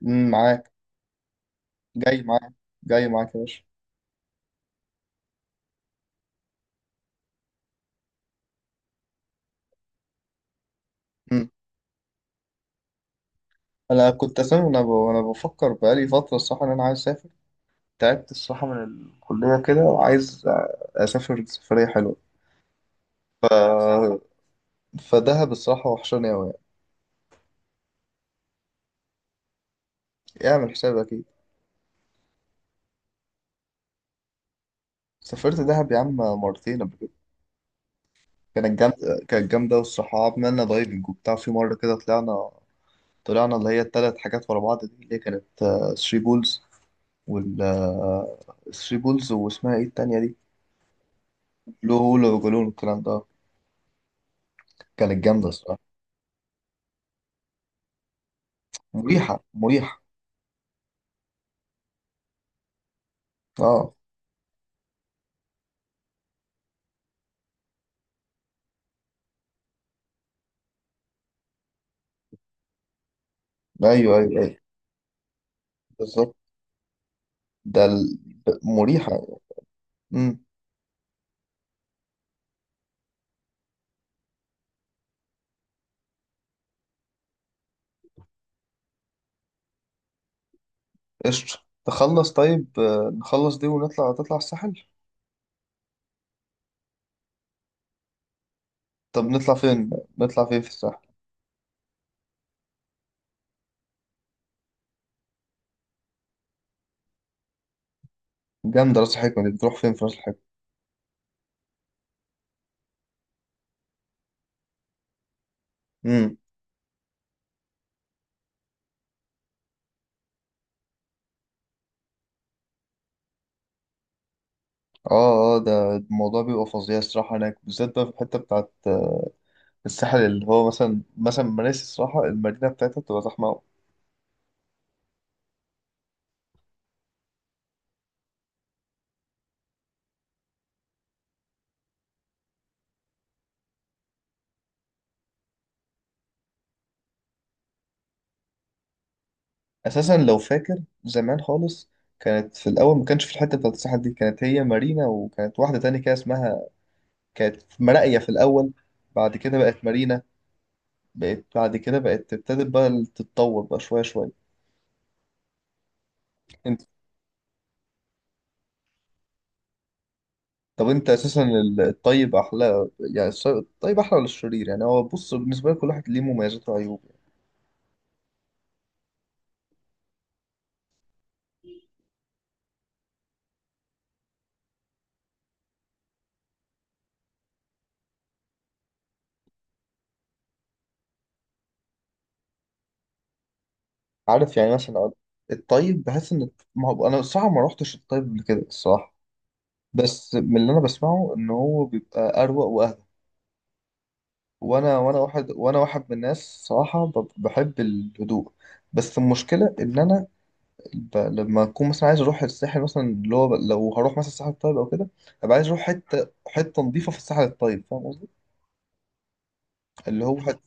معاك جاي معاك جاي معاك يا باشا. مم. انا كنت اساسا وانا بفكر بقالي فتره الصراحه ان انا عايز اسافر. تعبت الصراحه من الكليه كده وعايز اسافر سفريه حلوه. فدهب الصراحه وحشاني قوي. يعني اعمل حسابك اكيد. سافرت دهب يا عم 2 مرات قبل كده. كانت جامده، كانت جامده والصراحه عملنا دايفنج وبتاع. في مره كده طلعنا، طلعنا اللي هي 3 حاجات ورا بعض دي اللي هي كانت ثري بولز، وال ثري بولز واسمها ايه التانية دي؟ بلو هول وجالون والكلام ده. كانت جامدة الصراحة. مريحة. اه، ايوه بالظبط. ده ال... مريحة. امم. قشطة، تخلص طيب آه، نخلص دي ونطلع، تطلع الساحل. طب نطلع فين؟ نطلع فين في الساحل؟ جامدة راس الحكمة دي. بتروح فين في راس الحكمة؟ امم. اه اه، ده الموضوع بيبقى فظيع الصراحة هناك بالذات، بقى في الحتة بتاعت الساحل اللي هو مثلا مراسي الصراحة. المدينة بتاعتها بتبقى زحمة. اساسا لو فاكر زمان خالص، كانت في الاول ما كانش في الحته بتاعت الساحل دي، كانت هي مارينا، وكانت واحده تانية كده اسمها، كانت في مراقيه في الاول. بعد كده بقت مارينا. بقت بعد كده، بقت ابتدت بقى تتطور بقى شويه شويه. انت، طب انت اساسا الطيب احلى يعني الطيب احلى ولا الشرير؟ يعني هو بص، بالنسبه لي كل واحد ليه مميزات وعيوب. عارف يعني مثلا الطيب بحس ان، ما هو انا الصراحه ما روحتش الطيب قبل كده الصراحه، بس من اللي انا بسمعه ان هو بيبقى اروق. وانا واحد من الناس صراحه بحب الهدوء. بس المشكله ان انا لما اكون مثلا عايز اروح الساحل مثلا اللي هو لو هروح مثلا الساحل الطيب او كده، ابقى عايز اروح حته نظيفه في الساحل الطيب، فاهم قصدي؟ اللي هو حته.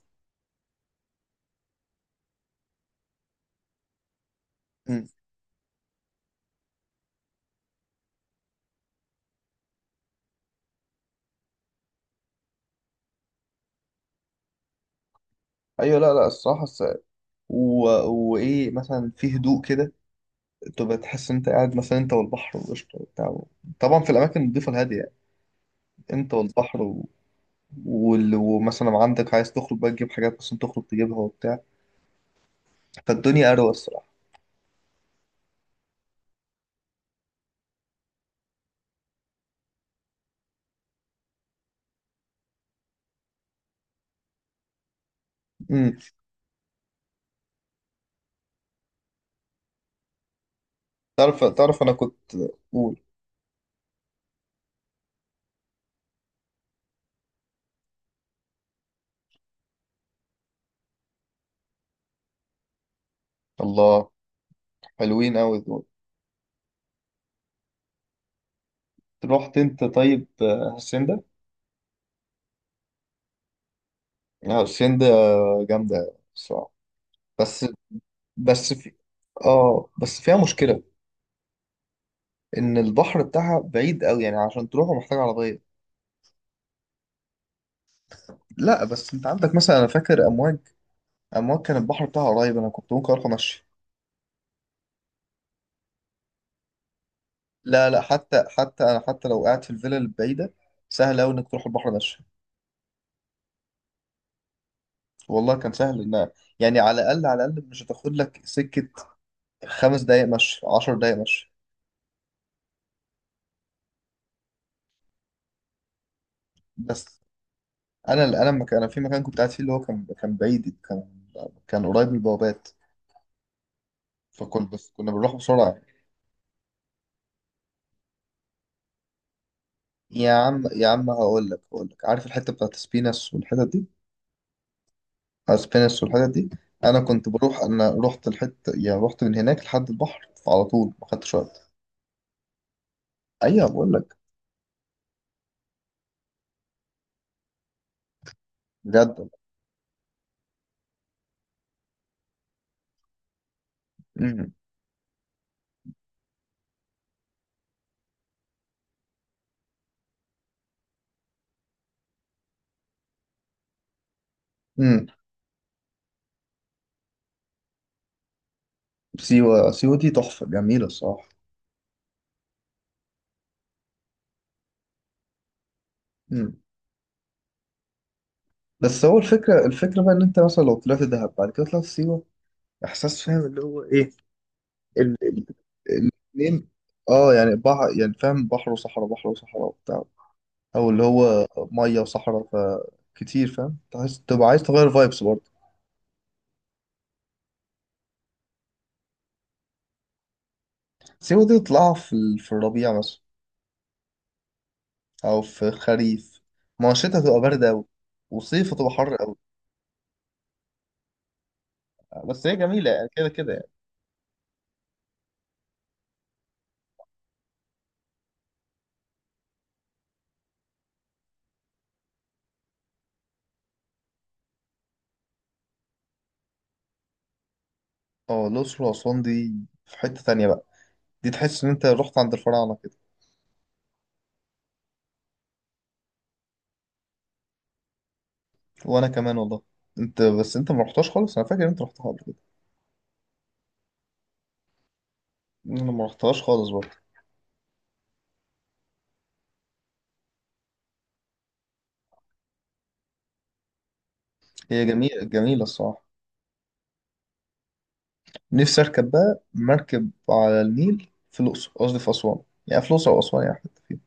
مم. ايوه. لا لا الصراحه و... وايه مثلا في هدوء كده، تبقى تحس ان انت قاعد مثلا انت والبحر والقشطه وبتاع. طبعا في الاماكن النظيفه الهاديه، يعني انت والبحر ومثلا عندك عايز تخرج بقى تجيب حاجات، مثلا تخرج تجيبها وبتاع. فالدنيا اروق الصراحه. امم. تعرف انا كنت، قول. الله، حلوين قوي دول. رحت انت طيب آه، هاسيندا؟ لا، هاسيندا جامده بصراحه. بس بس في، اه بس فيها مشكله ان البحر بتاعها بعيد قوي، يعني عشان تروحه محتاج عربيه. لا بس انت عندك مثلا، انا فاكر امواج، امواج كان البحر بتاعها قريب، انا كنت ممكن اروح مشي. لا لا، حتى لو قاعد في الفيلا البعيده، سهل قوي انك تروح البحر مشي. والله كان سهل. ان يعني على الاقل، على الاقل مش هتاخد لك سكه، 5 دقايق مشي، 10 دقايق مشي. بس انا انا في مكان كنت قاعد فيه اللي هو كان بعيد، كان كان قريب من البوابات، فكنا بس كنا بنروح بسرعه يعني. يا عم يا عم، هقول لك، عارف الحته بتاعت سبينس والحتت دي؟ سبينس والحتت دي، انا كنت بروح انا رحت الحته يعني، رحت من هناك لحد البحر على طول، ما خدتش وقت. ايوه بقول لك. بجد. امم. امم. سيوه، سيوه دي تحفه جميله الصراحه. امم. بس هو الفكره بقى ان انت مثلا لو طلعت دهب بعد كده طلعت سيوه، احساس، فاهم اللي هو ايه؟ ال- ال- الاتنين، اه يعني بحر، يعني فاهم، بحر وصحراء، بحر وصحراء وبتاع، او اللي هو ميه وصحراء. فكتير فاهم، تحس تبقى عايز تغير فايبس برضه. سيبه دي تطلعها في الربيع مثلا، او في الخريف. ما هو الشتا تبقى برد قوي، وصيف تبقى حر قوي. بس هي جميله يعني كده كده يعني. اه الاقصر واسوان دي في حته تانية بقى. دي تحس ان انت رحت عند الفراعنه كده. وانا كمان والله. انت بس انت ما رحتهاش خالص؟ انا فاكر انت رحتها قبل كده. انا ما رحتهاش خالص برضه. هي جميلة جميلة الصراحة. نفسي أركب بقى مركب على النيل في الأقصر، قصدي في أسوان، يعني في الأقصر أو أسوان يعني حتة فيهم،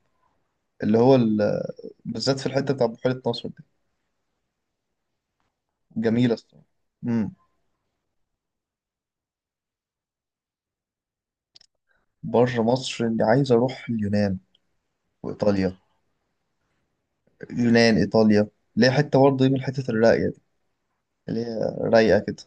اللي هو ال... بالذات في الحتة بتاع بحيرة ناصر دي. جميلة الصراحة. امم. بره مصر، اللي عايز أروح اليونان وإيطاليا. يونان إيطاليا، اللي هي حتة برضه دي من الحتت الراقية دي، اللي هي رايقة كده.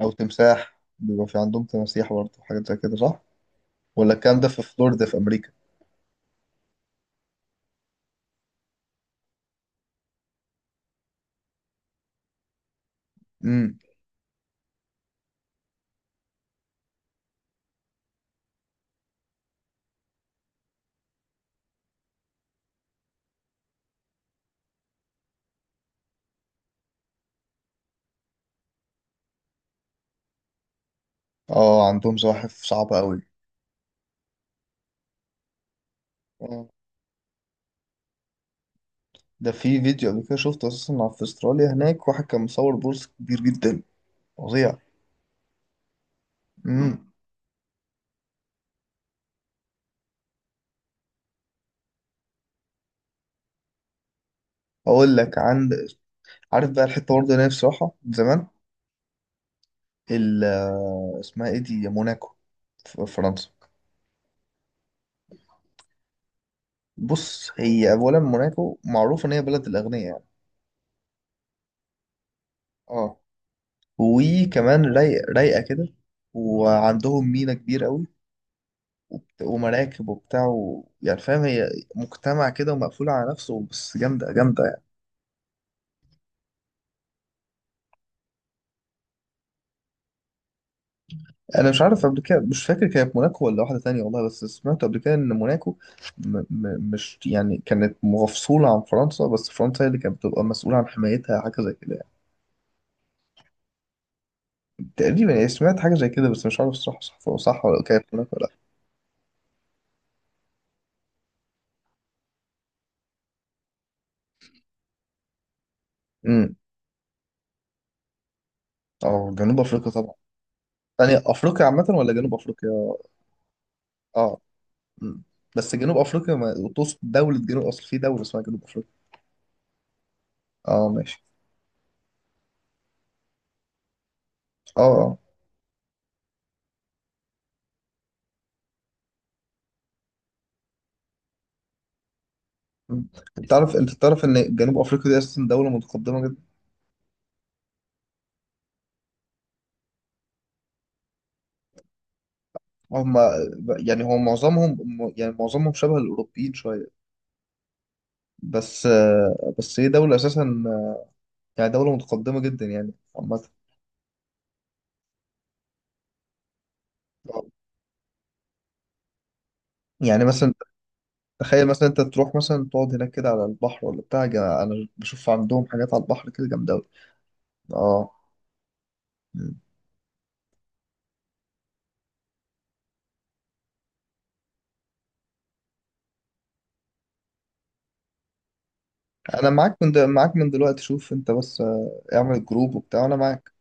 أو تمساح، بيبقى في عندهم تماسيح برضه حاجات زي كده صح؟ ولا الكلام ده في فلوريدا في أمريكا؟ امم. اه عندهم زواحف صعبة أوي. آه. ده في فيديو قبل كده شفته، اساسا في استراليا هناك واحد كان مصور بورصة كبير جدا، فظيع. امم. اقول لك، عارف بقى الحته برضه اللي انا نفسي اروحها من زمان؟ ال اسمها ايه دي، موناكو، في فرنسا. بص هي اولا موناكو معروفه ان هي بلد الاغنياء يعني. اه. وكمان رايقه كده، وعندهم مينا كبير قوي ومراكب وبتاع يعني فاهم، هي مجتمع كده ومقفول على نفسه، بس جامده جامده يعني. انا مش عارف قبل كده، مش فاكر كانت موناكو ولا واحده تانية، والله بس سمعت قبل كده ان موناكو م م مش يعني كانت مفصوله عن فرنسا، بس فرنسا هي اللي كانت بتبقى مسؤوله عن حمايتها، حاجه زي كده يعني. تقريبا يعني، سمعت حاجه زي كده بس مش عارف الصراحه صح ولا كانت موناكو ولا لا. امم. اه جنوب افريقيا طبعا. يعني افريقيا عامه ولا جنوب افريقيا؟ اه. امم. بس جنوب افريقيا، ما تقصد دوله جنوب، اصل في دوله اسمها جنوب افريقيا. اه ماشي. اه اه. أمم. انت تعرف ان جنوب افريقيا دي اساسا دوله متقدمه جدا. هم، يعني هو معظمهم، يعني معظمهم شبه الأوروبيين شوية. بس، بس هي دولة أساسا، يعني دولة متقدمة جدا يعني عامة. يعني مثلا، تخيل مثلا أنت تروح مثلا تقعد هناك كده على البحر ولا بتاع أنا بشوف عندهم حاجات على البحر كده جامدة أوي. أه. أنا معاك معاك من دلوقتي، شوف أنت بس آه، اعمل جروب وبتاع وأنا معاك.